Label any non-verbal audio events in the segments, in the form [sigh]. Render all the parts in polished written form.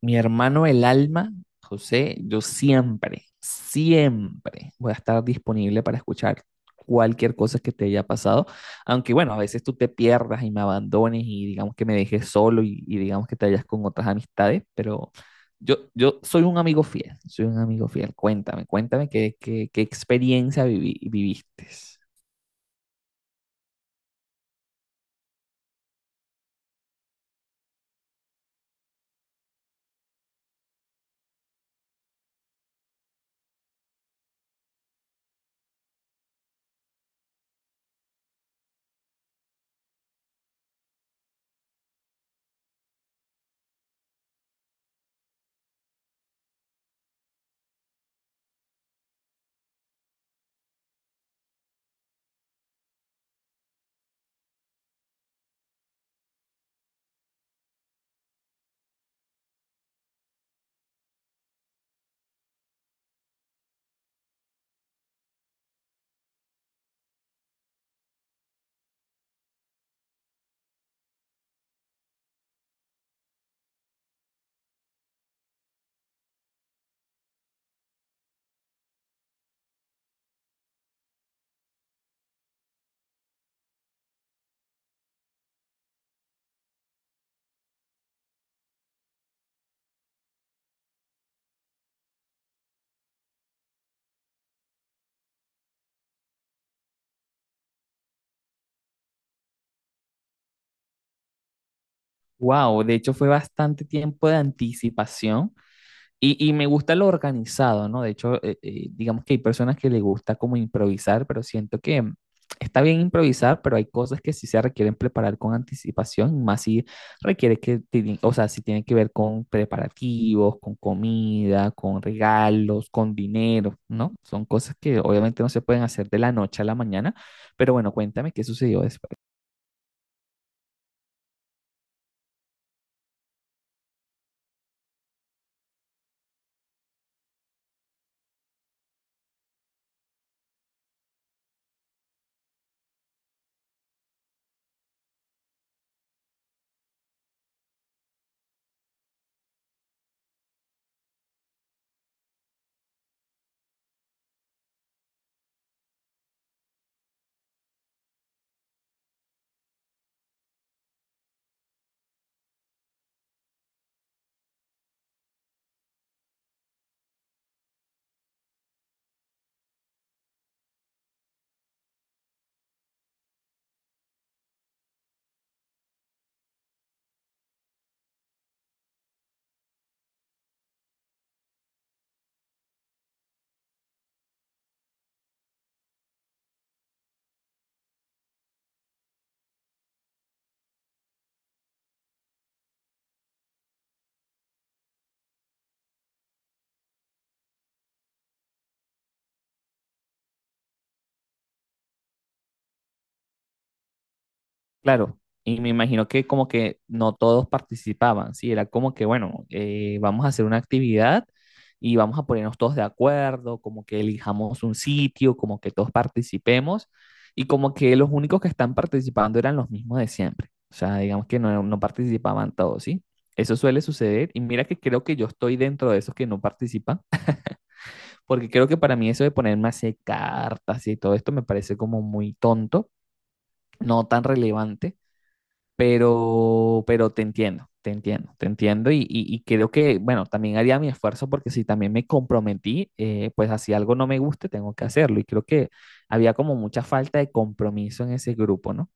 Mi hermano el alma, José, yo siempre, siempre voy a estar disponible para escuchar cualquier cosa que te haya pasado, aunque bueno, a veces tú te pierdas y me abandones y digamos que me dejes solo y digamos que te hayas con otras amistades, pero yo soy un amigo fiel, soy un amigo fiel. Cuéntame, cuéntame qué experiencia viviste. Wow, de hecho fue bastante tiempo de anticipación. Y me gusta lo organizado, ¿no? De hecho, digamos que hay personas que les gusta como improvisar, pero siento que está bien improvisar, pero hay cosas que sí se requieren preparar con anticipación, más si requiere o sea, si tiene que ver con preparativos, con comida, con regalos, con dinero, ¿no? Son cosas que obviamente no se pueden hacer de la noche a la mañana, pero bueno, cuéntame qué sucedió después. Claro, y me imagino que como que no todos participaban, ¿sí? Era como que, bueno, vamos a hacer una actividad y vamos a ponernos todos de acuerdo, como que elijamos un sitio, como que todos participemos, y como que los únicos que están participando eran los mismos de siempre, o sea, digamos que no participaban todos, ¿sí? Eso suele suceder, y mira que creo que yo estoy dentro de esos que no participan, [laughs] porque creo que para mí eso de ponerme a hacer cartas y todo esto me parece como muy tonto, no tan relevante. Pero te entiendo, te entiendo, te entiendo y creo que, bueno, también haría mi esfuerzo porque si también me comprometí, pues así algo no me guste, tengo que hacerlo. Y creo que había como mucha falta de compromiso en ese grupo, ¿no?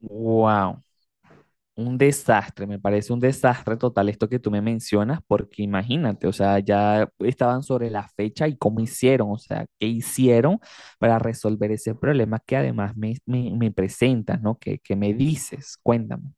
Wow, un desastre, me parece un desastre total esto que tú me mencionas porque imagínate, o sea, ya estaban sobre la fecha y cómo hicieron, o sea, qué hicieron para resolver ese problema que además me presentas, ¿no? ¿Qué, qué me dices? Cuéntame.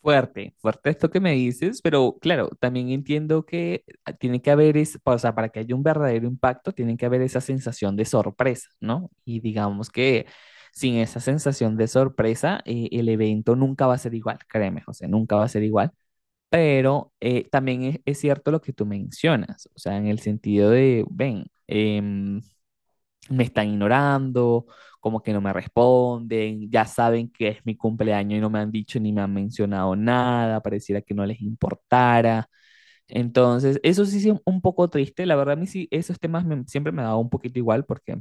Fuerte, fuerte esto que me dices, pero claro, también entiendo que tiene que haber, es, o sea, para que haya un verdadero impacto, tiene que haber esa sensación de sorpresa, ¿no? Y digamos que sin esa sensación de sorpresa, el evento nunca va a ser igual, créeme, José, nunca va a ser igual, pero también es cierto lo que tú mencionas, o sea, en el sentido de, ven, me están ignorando, como que no me responden, ya saben que es mi cumpleaños y no me han dicho ni me han mencionado nada, pareciera que no les importara. Entonces, eso sí es un poco triste, la verdad a mí sí, esos temas me- siempre me ha dado un poquito igual porque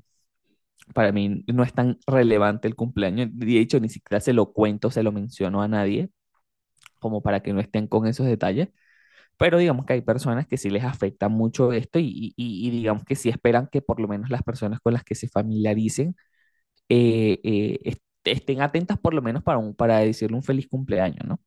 para mí no es tan relevante el cumpleaños, de hecho ni siquiera se lo cuento, se lo menciono a nadie, como para que no estén con esos detalles, pero digamos que hay personas que sí les afecta mucho esto y digamos que sí esperan que por lo menos las personas con las que se familiaricen estén atentas por lo menos para, un, para decirle un feliz cumpleaños, ¿no?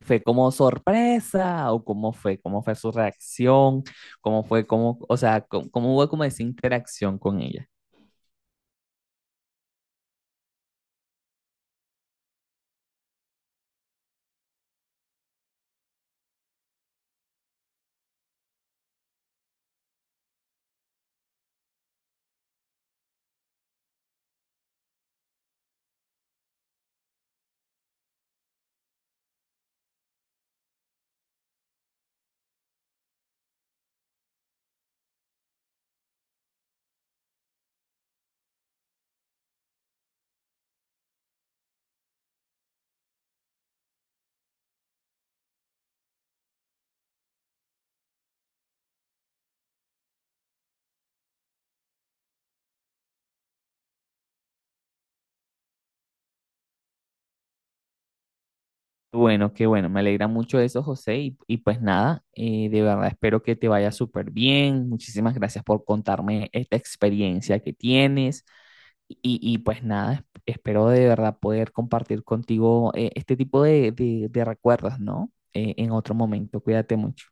¿Fue como sorpresa o cómo fue? ¿Cómo fue su reacción? ¿Cómo fue? ¿Cómo, o sea, cómo, cómo hubo como esa interacción con ella? Bueno, qué bueno, me alegra mucho eso, José. Y pues nada, de verdad espero que te vaya súper bien. Muchísimas gracias por contarme esta experiencia que tienes. Y pues nada, es- espero de verdad poder compartir contigo este tipo de recuerdos, ¿no? En otro momento. Cuídate mucho.